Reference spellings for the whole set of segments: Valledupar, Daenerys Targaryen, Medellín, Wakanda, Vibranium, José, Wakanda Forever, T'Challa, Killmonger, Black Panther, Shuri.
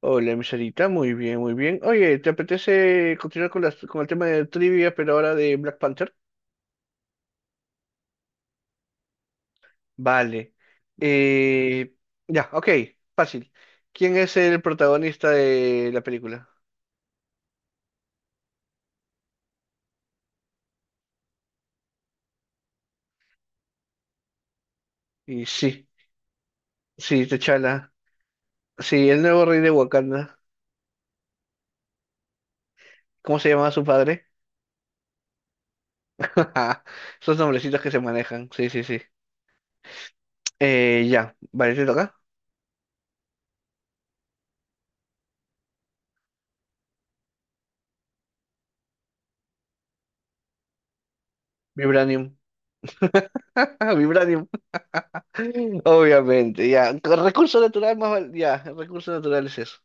Hola, miserita, muy bien, muy bien. Oye, ¿te apetece continuar con, las, con el tema de trivia, pero ahora de Black Panther? Vale. Eh, ya, ok, fácil. ¿Quién es el protagonista de la película? Y sí, sí, T'Challa. Sí, el nuevo rey de Wakanda. ¿Cómo se llamaba su padre? Esos nombrecitos que se manejan. Sí, sí, sí. Ya, vale, ¿te toca? Vibranium. Vibranium. Obviamente, ya. Recurso natural más val- ya, recurso natural es eso.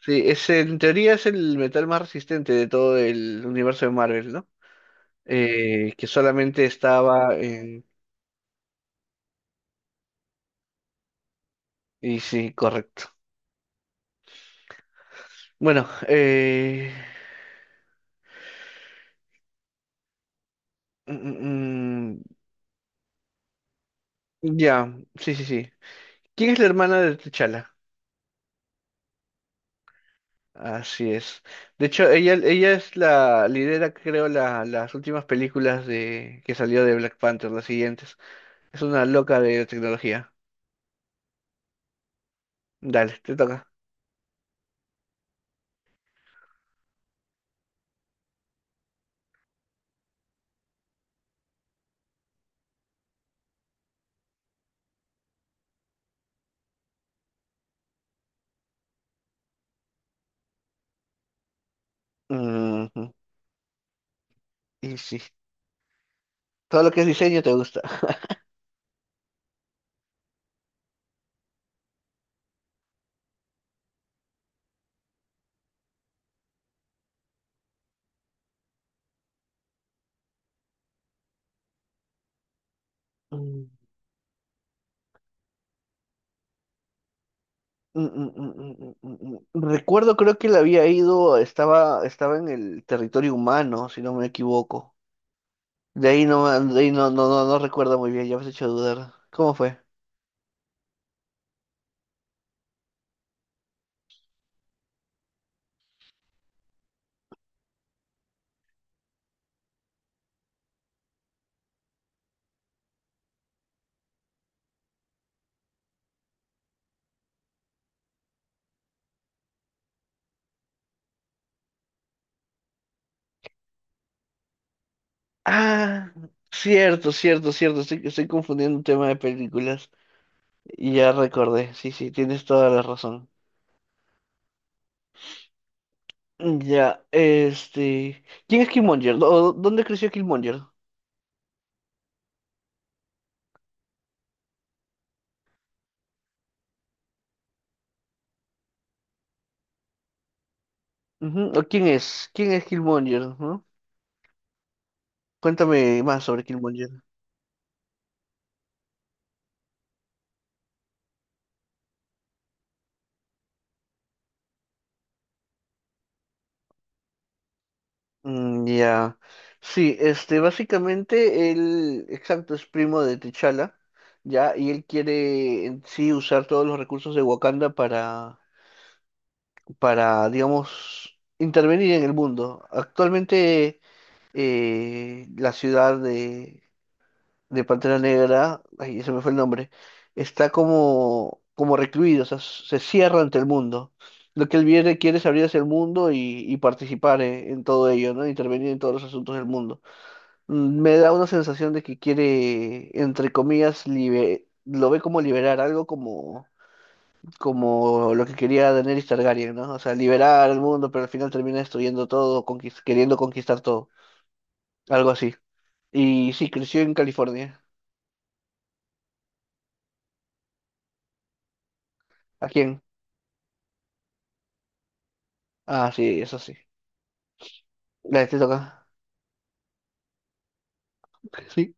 Sí, es, el- en teoría es el metal más resistente de todo el universo de Marvel, ¿no? Que solamente estaba en... Y sí, correcto. Bueno, mm, mm, ya, sí, sí, sí. ¿Quién es la hermana de T'Challa? Así es. De hecho, ella es la lidera, creo, la, las últimas películas de que salió de Black Panther, las siguientes. Es una loca de tecnología. Dale, te toca. Ujú, y sí, todo lo que es diseño te gusta. Mm, mm, mm, mm, mm, mm, mm. Recuerdo, creo que le había ido, estaba en el territorio humano, si no me equivoco. De ahí no, de ahí no, no, no, no recuerdo muy bien, ya me has hecho dudar. ¿Cómo fue? Ah, cierto, cierto, cierto, estoy confundiendo un tema de películas. Ya recordé, sí, sí, tienes toda la razón. Ya, este... ¿Quién es Killmonger? ¿Dó- ¿Dónde creció Killmonger? Ujú, ¿o quién es? ¿Quién es Killmonger? ¿No? Cuéntame más sobre Killmonger. Mm, ya. Sí, este, básicamente él, exacto, es primo de T'Challa, ya, y él quiere en sí usar todos los recursos de Wakanda para, digamos, intervenir en el mundo. Actualmente la ciudad de Pantera Negra, ay, se me fue el nombre, está como, como recluido, o sea, se cierra ante el mundo. Lo que él viene- quiere es abrir hacia el mundo y participar en todo ello, ¿no? Intervenir en todos los asuntos del mundo. Me da una sensación de que quiere, entre comillas, libe- lo ve como liberar, algo como, como lo que quería Daenerys Targaryen, ¿no? O sea, liberar al mundo, pero al final termina destruyendo todo, conquis- queriendo conquistar todo, algo así. Y sí, creció en California. ¿A quién? Ah, sí, eso sí. La que te toca. Sí.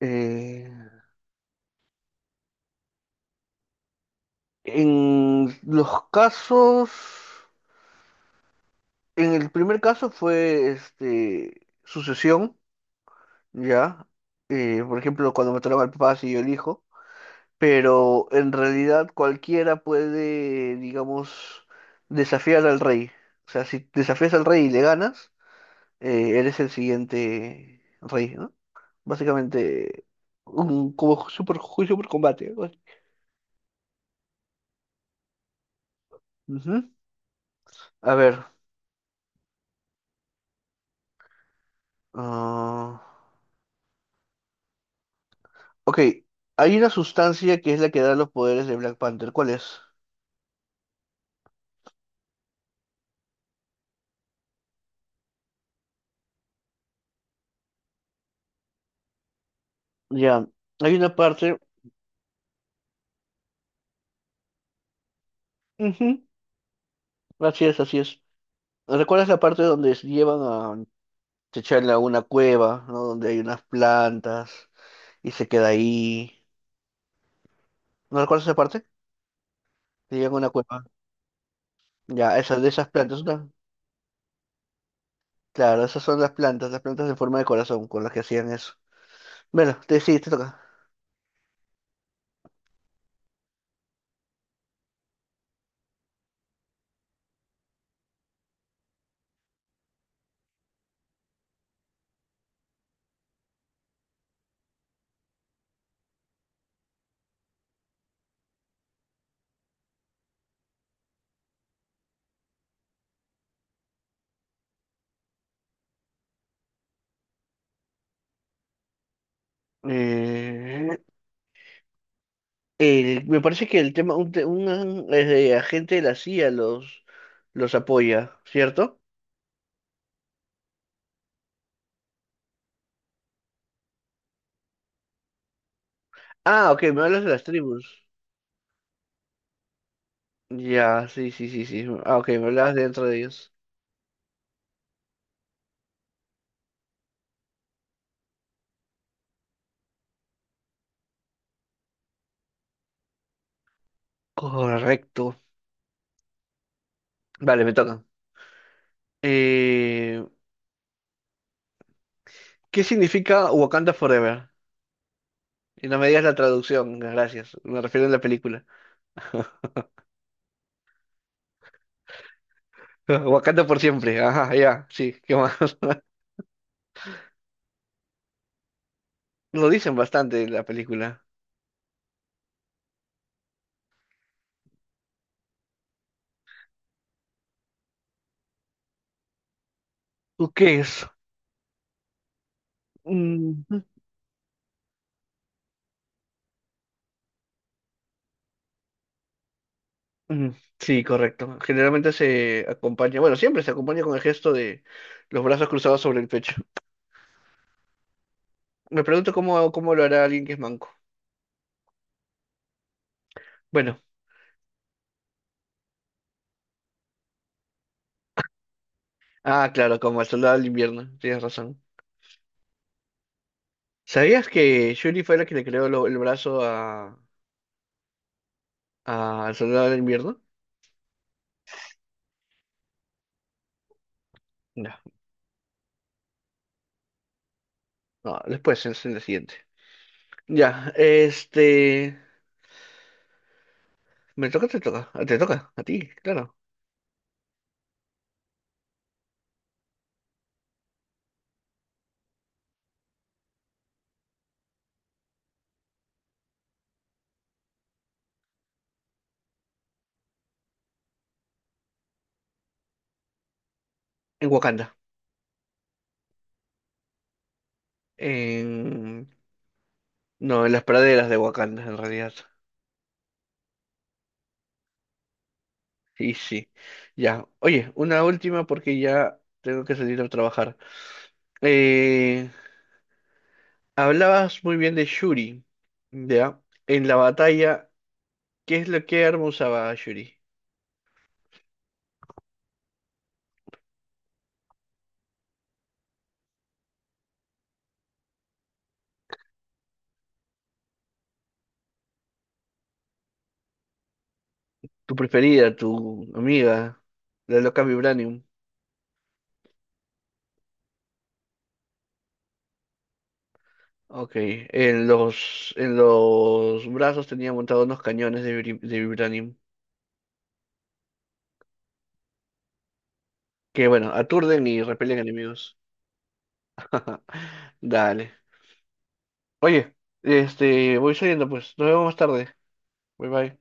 Eh, en los casos, en el primer caso fue este, sucesión. ¿Ya? Por ejemplo, cuando me toca el papá, sí yo elijo, pero en realidad cualquiera puede, digamos, desafiar al rey. O sea, si desafías al rey y le ganas, eres el siguiente rey, ¿no? Básicamente, un, como super, juicio por combate. Algo así. Ujú. A ver. ah, ok, hay una sustancia que es la que da los poderes de Black Panther. ¿Cuál es? Ya, hay una parte. Ujú, así es, así es. ¿Recuerdas la parte donde se llevan a T'Challa a una cueva, ¿no? Donde hay unas plantas y se queda ahí. ¿No recuerdas esa parte? Se llevan a una cueva. Ya, esas de esas plantas, ¿no? Claro, esas son las plantas en forma de corazón con las que hacían eso. Bueno, te, sí, te toca. Eh, el- me parece que el tema, un, te- un, agente de la CIA los apoya, ¿cierto? Ah, ok, me hablas de las tribus. Ya, sí, sí, sí, sí. Ah, ok, me hablabas dentro de ellos. Correcto. Vale, me toca. Eh, ¿Qué significa Wakanda Forever? Y no me digas la traducción, gracias. Me refiero a la película. Wakanda por siempre. Ajá, ya, sí, ¿qué más? Lo dicen bastante en la película. ¿Tú qué es? Mm, mm, sí, correcto. Generalmente se acompaña, bueno, siempre se acompaña con el gesto de los brazos cruzados sobre el pecho. Me pregunto cómo, cómo lo hará alguien que es manco. Bueno, ah, claro, como el soldado del invierno, tienes razón. ¿Sabías que Shuri fue la que le creó lo- el brazo a, ah, ¿el soldado del invierno? Ya. No, después, es en la siguiente. Ya, este... ¿Me toca o te toca? Ah, te toca, a ti, claro. En Wakanda. En... No, en las praderas de Wakanda, en realidad. Sí, sí. Ya. Oye, una última porque ya tengo que salir a trabajar. Eh, hablabas muy bien de Shuri, ¿ya? En la batalla, ¿qué es lo que arma usaba Shuri? Tu preferida, tu amiga, la loca Vibranium. Ok, en los brazos tenía montados unos cañones de, vibri- de vibranium que, bueno, aturden y repelen enemigos. Dale. Oye, este, voy saliendo pues. Nos vemos más tarde. Bye bye.